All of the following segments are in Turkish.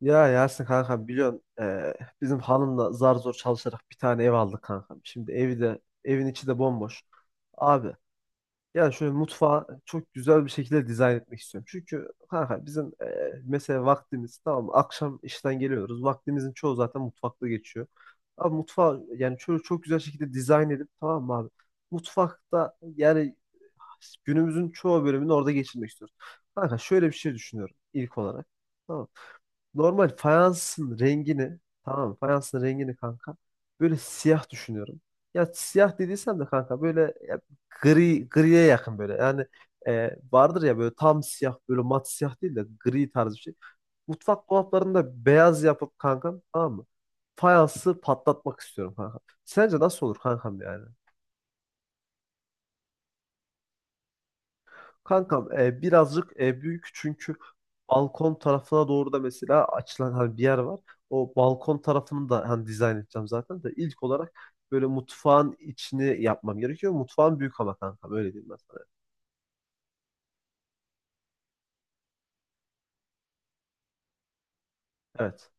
Ya Yasin kanka biliyorsun bizim hanımla zar zor çalışarak bir tane ev aldık kanka. Şimdi evi de evin içi de bomboş. Abi yani şöyle mutfağı çok güzel bir şekilde dizayn etmek istiyorum. Çünkü kanka bizim mesela vaktimiz tamam mı? Akşam işten geliyoruz. Vaktimizin çoğu zaten mutfakta geçiyor. Abi mutfağı yani şöyle çok güzel şekilde dizayn edip tamam mı abi? Mutfakta yani günümüzün çoğu bölümünü orada geçirmek istiyoruz. Kanka şöyle bir şey düşünüyorum ilk olarak. Tamam mı? Normal fayansın rengini, tamam mı? Fayansın rengini kanka. Böyle siyah düşünüyorum. Ya siyah dediysem de kanka böyle ya gri griye yakın böyle. Yani vardır ya böyle tam siyah, böyle mat siyah değil de gri tarzı bir şey. Mutfak dolaplarını da beyaz yapıp kankam, tamam mı? Fayansı patlatmak istiyorum kanka. Sence nasıl olur kankam yani? Kankam birazcık büyük çünkü balkon tarafına doğru da mesela açılan hani bir yer var. O balkon tarafını da hani dizayn edeceğim zaten de ilk olarak böyle mutfağın içini yapmam gerekiyor. Mutfağın büyük ama kankam, öyle diyeyim ben sana. Evet.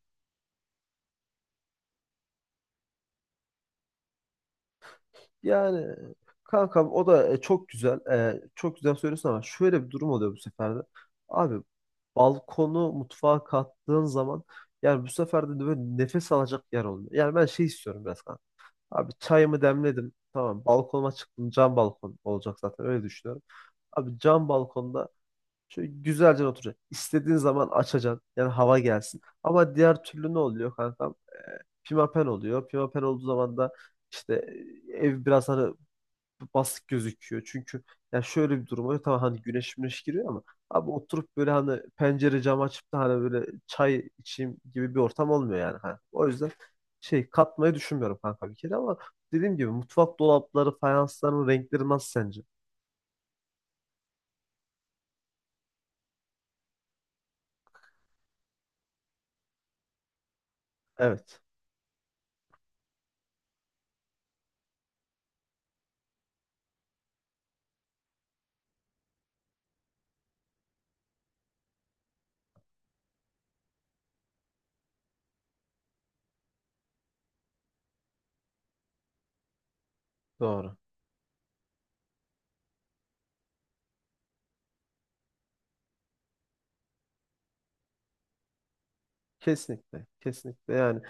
Yani kankam o da çok güzel. Çok güzel söylüyorsun ama şöyle bir durum oluyor bu sefer de. Abi balkonu mutfağa kattığın zaman yani bu sefer de böyle nefes alacak yer olmuyor. Yani ben şey istiyorum biraz kanka. Abi çayımı demledim. Tamam balkonuma çıktım. Cam balkon olacak zaten, öyle düşünüyorum. Abi cam balkonda şöyle güzelce oturacaksın. İstediğin zaman açacaksın. Yani hava gelsin. Ama diğer türlü ne oluyor kankam? Pimapen oluyor. Pimapen olduğu zaman da işte ev biraz hani basık gözüküyor. Çünkü ya şöyle bir durum oluyor. Tamam hani güneş müneş giriyor ama abi oturup böyle hani pencere cam açıp da hani böyle çay içeyim gibi bir ortam olmuyor yani. Hani. O yüzden şey katmayı düşünmüyorum kanka bir kere ama dediğim gibi mutfak dolapları, fayansların renkleri nasıl sence? Evet. Doğru. Kesinlikle, kesinlikle yani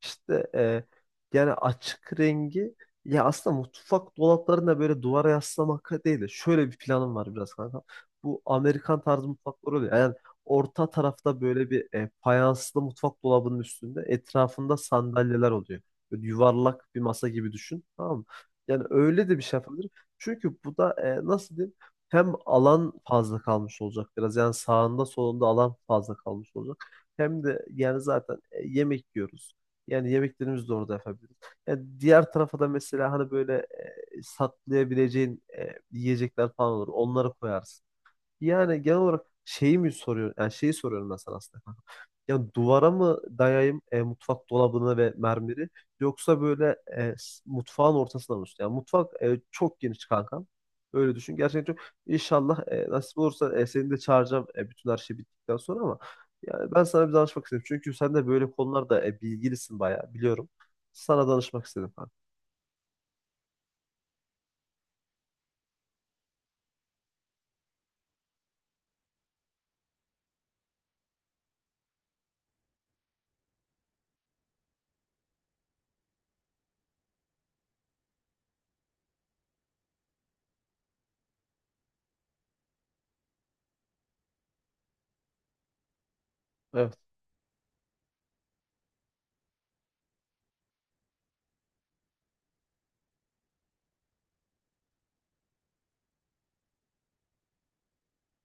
işte, yani açık rengi, ya aslında mutfak dolaplarında böyle duvara yaslamak değil de şöyle bir planım var biraz kanka. Bu Amerikan tarzı mutfaklar oluyor. Yani orta tarafta böyle bir fayanslı mutfak dolabının üstünde etrafında sandalyeler oluyor. Böyle yuvarlak bir masa gibi düşün, tamam mı? Yani öyle de bir şey yapabilirim. Çünkü bu da nasıl diyeyim, hem alan fazla kalmış olacak biraz. Yani sağında solunda alan fazla kalmış olacak. Hem de yani zaten yemek yiyoruz. Yani yemeklerimizi de orada yapabiliriz. Yani diğer tarafa da mesela hani böyle saklayabileceğin yiyecekler falan olur. Onları koyarsın. Yani genel olarak şeyi mi soruyor? Yani şeyi soruyorum ben sana aslında, kanka. Ya duvara mı dayayım mutfak dolabını ve mermeri, yoksa böyle mutfağın ortasına mı olsun? Yani mutfak çok geniş kanka. Öyle düşün. Gerçekten çok. İnşallah nasip olursa seni de çağıracağım bütün her şey bittikten sonra ama yani ben sana bir danışmak istedim. Çünkü sen de böyle konularda bilgilisin bayağı, biliyorum. Sana danışmak istedim kanka. Evet.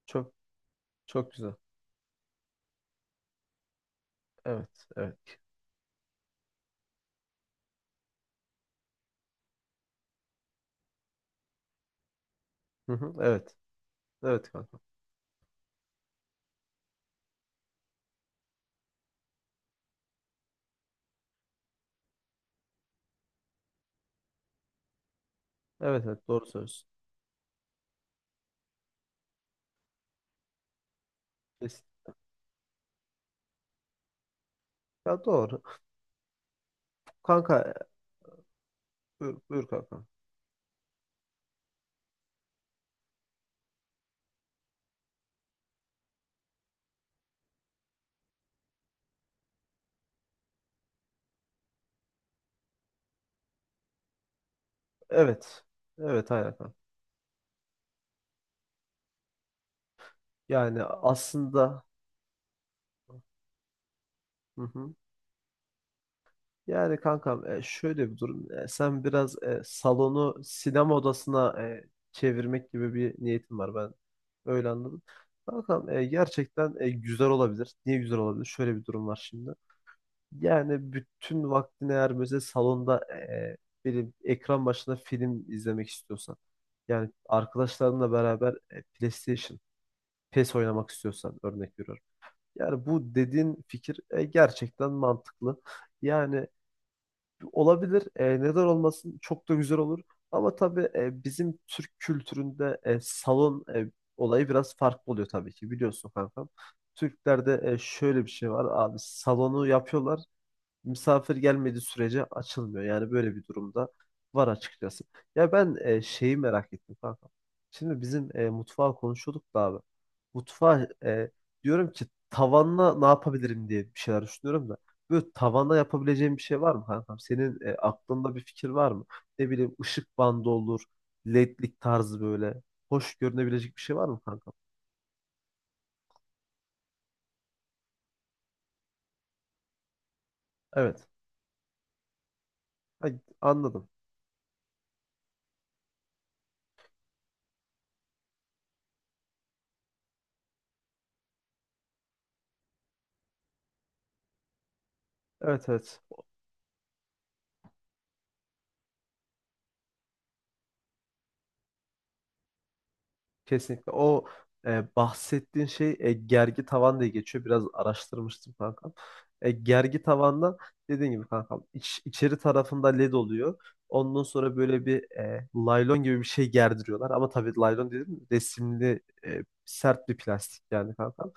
Çok çok güzel. Evet. Evet. Hı hı, evet. Evet kanka. Evet evet, doğru söylüyorsun. Kesin. Ya doğru. Kanka buyur, buyur kanka. Evet. Evet aynen kanka. Yani aslında hı hı. Yani kankam şöyle bir durum. Sen biraz salonu sinema odasına çevirmek gibi bir niyetin var. Ben öyle anladım. Kankam gerçekten güzel olabilir. Niye güzel olabilir? Şöyle bir durum var şimdi. Yani bütün vaktini eğer mesela salonda benim ekran başında film izlemek istiyorsan, yani arkadaşlarınla beraber PlayStation PES oynamak istiyorsan, örnek veriyorum. Yani bu dediğin fikir gerçekten mantıklı. Yani olabilir. Neden olmasın? Çok da güzel olur. Ama tabii bizim Türk kültüründe salon olayı biraz farklı oluyor tabii ki. Biliyorsun kankam. Türklerde şöyle bir şey var abi, salonu yapıyorlar, misafir gelmediği sürece açılmıyor. Yani böyle bir durumda var açıkçası. Ya ben şeyi merak ettim kanka. Şimdi bizim mutfağı konuşuyorduk da abi. Mutfağı diyorum ki tavanla ne yapabilirim diye bir şeyler düşünüyorum da. Böyle tavanla yapabileceğim bir şey var mı kankam? Senin aklında bir fikir var mı? Ne bileyim ışık bandı olur, ledlik tarzı böyle. Hoş görünebilecek bir şey var mı kankam? Evet. Ha, anladım. Evet evet. Kesinlikle. O bahsettiğin şey gergi tavan diye geçiyor. Biraz araştırmıştım kankam. Gergi tavandan dediğin gibi kankam içeri tarafında led oluyor. Ondan sonra böyle bir laylon gibi bir şey gerdiriyorlar. Ama tabii laylon dedim, resimli sert bir plastik yani kankam.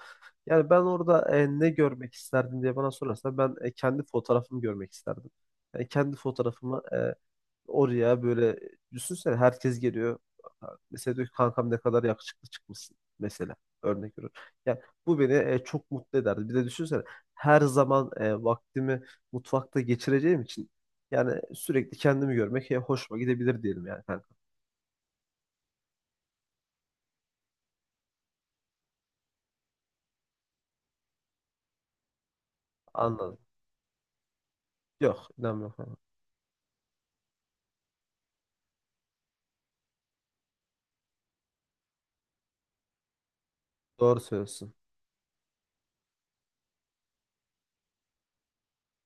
Yani ben orada ne görmek isterdim diye bana sorarsa ben kendi fotoğrafımı görmek isterdim. Kendi fotoğrafımı oraya böyle, düşünsene herkes geliyor. Mesela diyor ki kankam ne kadar yakışıklı çıkmışsın mesela, örnek veriyorum. Yani bu beni çok mutlu ederdi. Bir de düşünsene her zaman vaktimi mutfakta geçireceğim için yani sürekli kendimi görmek hoşuma gidebilir diyelim yani kanka. Anladım. Yok inanmıyorum kanka. Doğru söylüyorsun.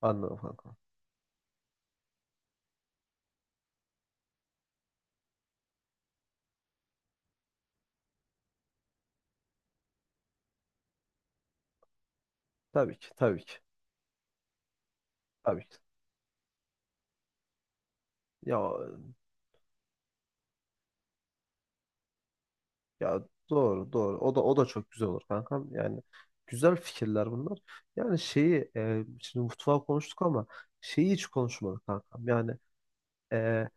Anladım kanka. Tabii ki, tabii ki tabii ki. Ya ya doğru doğru. O da o da çok güzel olur kankam. Yani güzel fikirler bunlar. Yani şeyi şimdi mutfağı konuştuk ama şeyi hiç konuşmadık kankam. Yani e,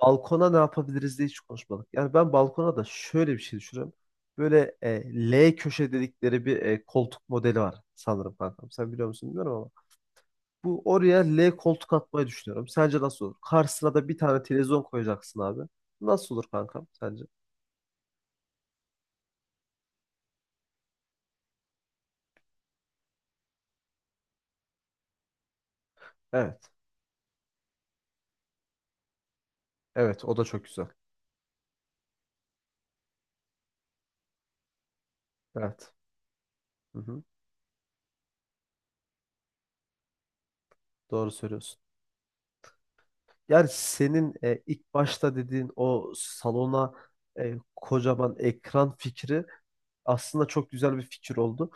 balkona ne yapabiliriz diye hiç konuşmadık. Yani ben balkona da şöyle bir şey düşünüyorum. Böyle L köşe dedikleri bir koltuk modeli var sanırım kankam. Sen biliyor musun bilmiyorum ama. Bu oraya L koltuk atmayı düşünüyorum. Sence nasıl olur? Karşısına da bir tane televizyon koyacaksın abi. Nasıl olur kankam sence? Evet. Evet o da çok güzel. Evet. Hı hı, doğru söylüyorsun. Yani senin ilk başta dediğin o salona kocaman ekran fikri aslında çok güzel bir fikir oldu.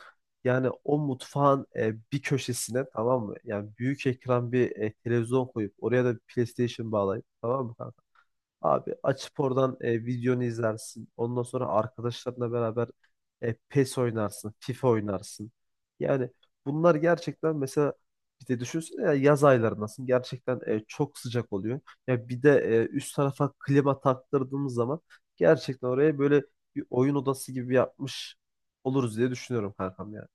Yani o mutfağın bir köşesine, tamam mı? Yani büyük ekran bir televizyon koyup oraya da bir PlayStation bağlayıp, tamam mı? Abi açıp oradan videonu izlersin. Ondan sonra arkadaşlarınla beraber PES oynarsın, FIFA oynarsın. Yani bunlar gerçekten mesela bir de düşünsene ya, yaz aylarındasın. Gerçekten çok sıcak oluyor. Ya bir de üst tarafa klima taktırdığımız zaman gerçekten oraya böyle bir oyun odası gibi yapmış oluruz diye düşünüyorum kankam yani.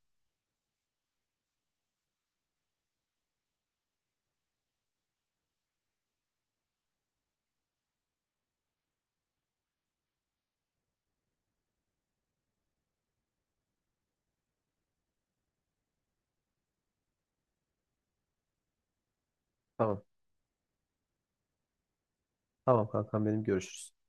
Tamam. Tamam kankam, benim görüşürüz.